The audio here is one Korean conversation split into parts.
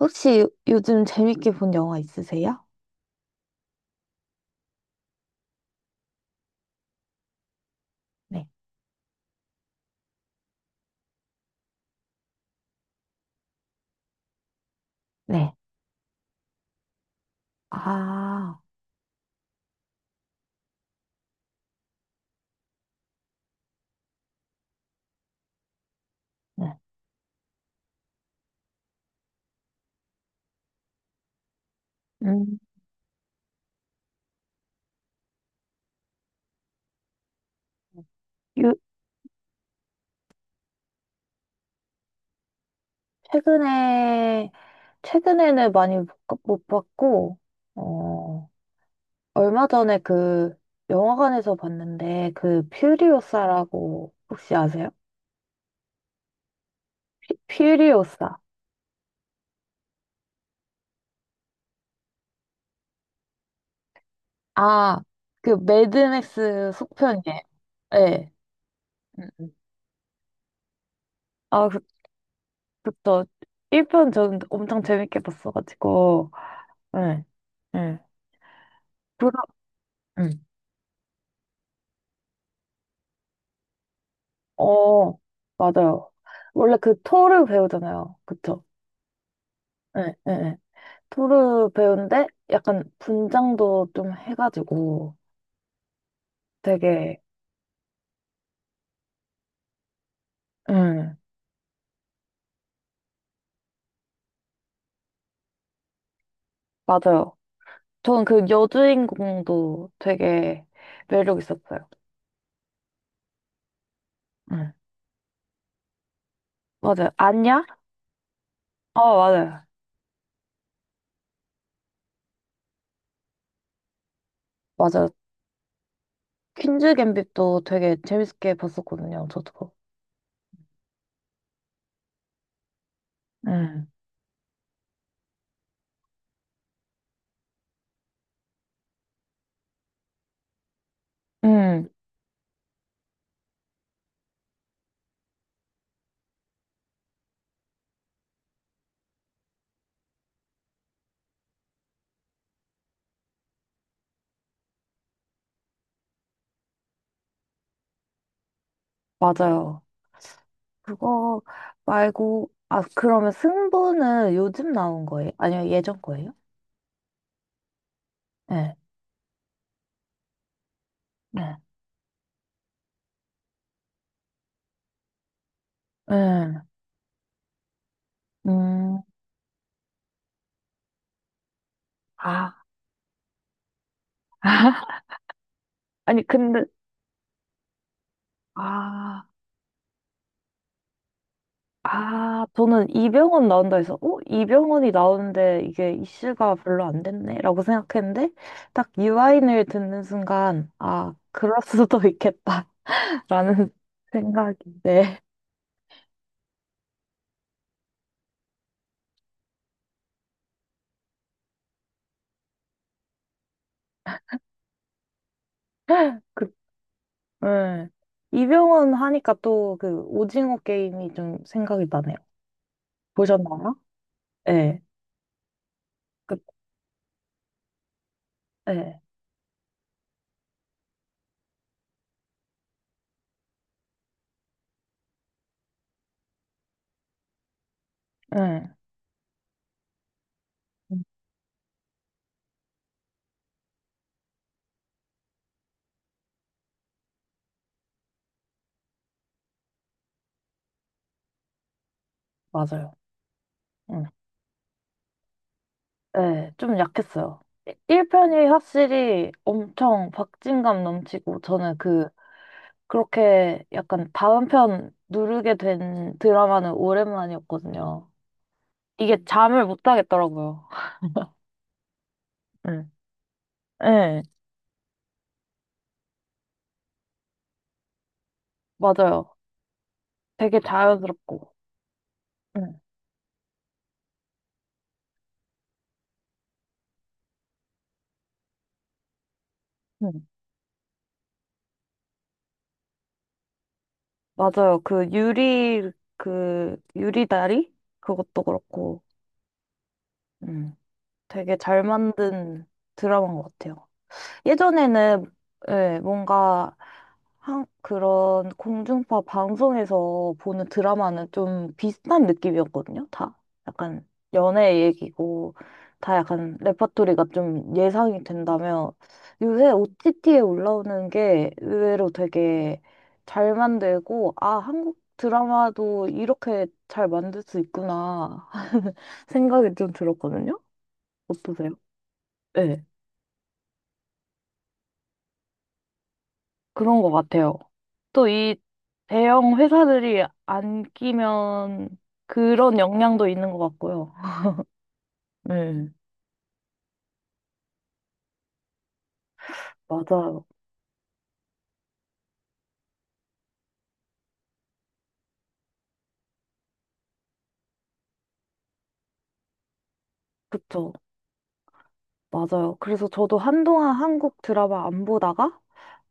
혹시 요즘 재밌게 본 영화 있으세요? 네, 네, 아, 네. 음. 요, 최근에, 최근에는 많이 못 봤고, 어, 얼마 전에 그 영화관에서 봤는데, 그 퓨리오사라고 혹시 아세요? 퓨리오사. 아, 그 매드맥스 속편이에요. 네. 음, 음. 아, 그, 그쵸. 1편 저는 엄청 재밌게 봤어가지고, 네. 네. 응. 어, 맞아요. 원래 그 토르 배우잖아요. 그쵸? 예, 예, 예. 토르 배우인데 약간 분장도 좀 해가지고 되게, 음, 맞아요. 저는 그 여주인공도 되게 매력 있었어요. 음, 맞아요. 안냐? 아, 맞아요. 맞아요. 퀸즈 갬빗도 되게 재밌게 봤었거든요. 저도. 응. 음, 맞아요. 그거 말고, 아, 그러면 승부는 요즘 나온 거예요? 아니요, 예전 거예요? 네, 네, 네. 음, 아, 아니, 근데, 아, 아, 저는 이병헌 나온다 해서, 어? 이병헌이 나오는데 이게 이슈가 별로 안 됐네? 라고 생각했는데, 딱 유아인을 듣는 순간, 아, 그럴 수도 있겠다. 라는 생각이 네, 그, 네. 이병헌 하니까 또 그 오징어 게임이 좀 생각이 나네요. 보셨나요? 예. 그, 예. 응, 음, 맞아요. 응, 예. 좀 약했어요. 1편이 확실히 엄청 박진감 넘치고 저는 그 그렇게 약간 다음 편 누르게 된 드라마는 오랜만이었거든요. 이게 잠을 못 자겠더라고요. 응, 응, 맞아요. 되게 자연스럽고. 응, 응. 맞아요. 그 유리, 그 유리다리? 그것도 그렇고. 음. 되게 잘 만든 드라마인 것 같아요. 예전에는 예, 뭔가 한, 그런 공중파 방송에서 보는 드라마는 좀 비슷한 느낌이었거든요. 다 약간 연애 얘기고 다 약간 레퍼토리가 좀 예상이 된다면 요새 OTT에 올라오는 게 의외로 되게 잘 만들고 아, 한국 드라마도 이렇게 잘 만들 수 있구나 생각이 좀 들었거든요. 어떠세요? 네, 그런 것 같아요. 또 이 대형 회사들이 안 끼면 그런 영향도 있는 것 같고요. 네. 맞아요. 그쵸. 맞아요. 그래서 저도 한동안 한국 드라마 안 보다가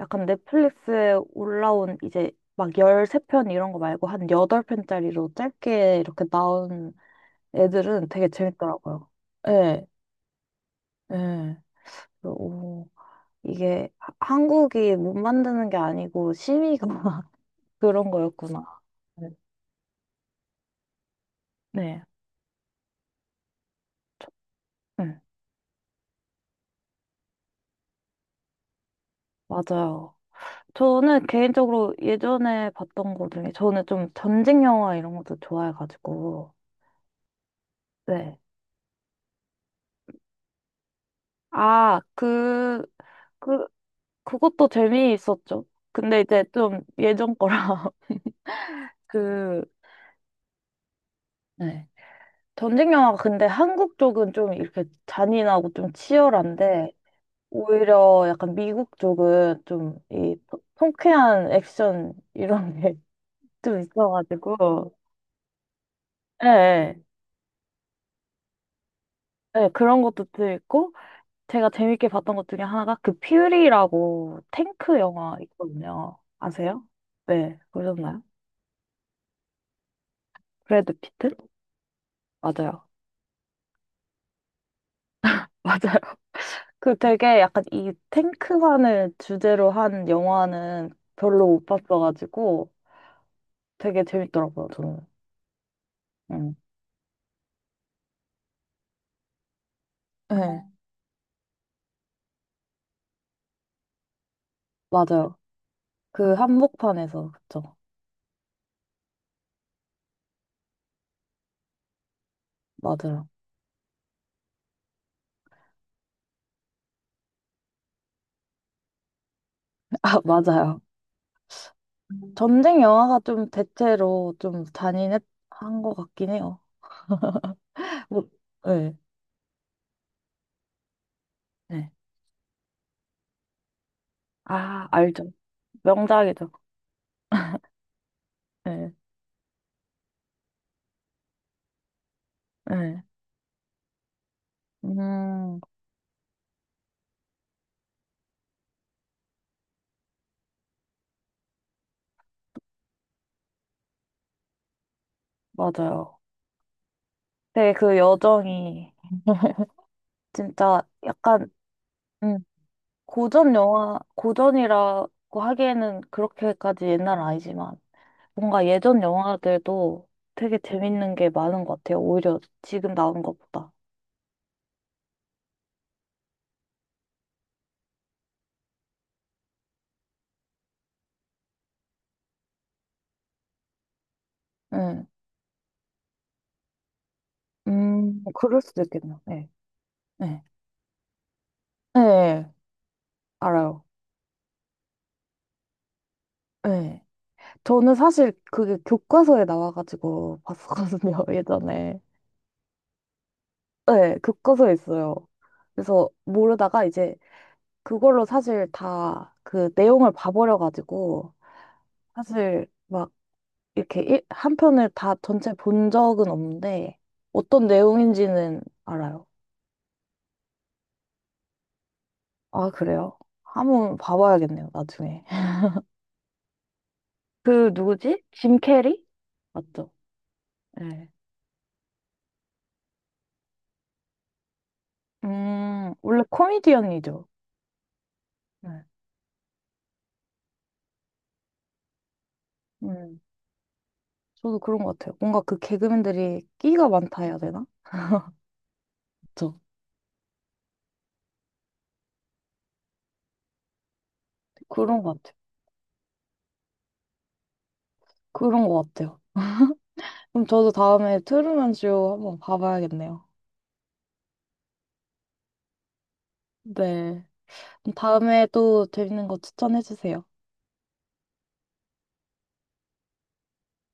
약간 넷플릭스에 올라온 이제 막 13편 이런 거 말고 한 8편짜리로 짧게 이렇게 나온 애들은 되게 재밌더라고요. 예, 예. 그래서 오, 이게 한국이 못 만드는 게 아니고 심의가 그런 거였구나. 네. 저- 네, 맞아요. 저는 개인적으로 예전에 봤던 거 중에 저는 좀 전쟁 영화 이런 것도 좋아해가지고. 네. 아, 그, 그, 그것도 재미있었죠. 근데 이제 좀 예전 거라 그, 네. 전쟁 영화가 근데 한국 쪽은 좀 이렇게 잔인하고 좀 치열한데 오히려 약간 미국 쪽은 좀 이 통쾌한 액션 이런 게 좀 있어가지고. 예, 예, 예, 그런 것도 들 있고, 제가 재밌게 봤던 것 중에 하나가 그 퓨리라고 탱크 영화 있거든요. 아세요? 네, 보셨나요? 브래드 피트? 맞아요. 맞아요. 그 되게 약간 이 탱크만을 주제로 한 영화는 별로 못 봤어가지고 되게 재밌더라고요, 저는. 음. 네, 맞아요. 그 한복판에서, 그쵸. 맞아요. 아, 맞아요. 전쟁 영화가 좀 대체로 좀 잔인한 것 같긴 해요. 뭐, 예. 네. 아, 알죠. 명작이죠. 네. 네. 음, 맞아요. 되게 그 여정이 진짜 약간 음, 고전 영화, 고전이라고 하기에는 그렇게까지 옛날은 아니지만 뭔가 예전 영화들도 되게 재밌는 게 많은 것 같아요. 오히려 지금 나온 것보다. 네. 그럴 수도 있겠네요. 네. 네. 네, 알아요. 네. 저는 사실 그게 교과서에 나와가지고 봤었거든요, 예전에. 네, 교과서에 있어요. 그래서 모르다가 이제 그걸로 사실 다 그 내용을 봐버려가지고 사실 막 이렇게 한 편을 다 전체 본 적은 없는데 어떤 내용인지는 알아요. 아, 그래요? 한번 봐봐야겠네요, 나중에. 그 누구지? 짐 캐리? 맞죠? 네. 원래 코미디언이죠. 네. 음. 저도 그런 것 같아요. 뭔가 그 개그맨들이 끼가 많다 해야 되나? 그쵸? 그런 것 같아요. 그런 것 같아요. 그럼 저도 다음에 트루먼 쇼 한번 봐봐야겠네요. 네. 그럼 다음에 또 재밌는 거 추천해 주세요.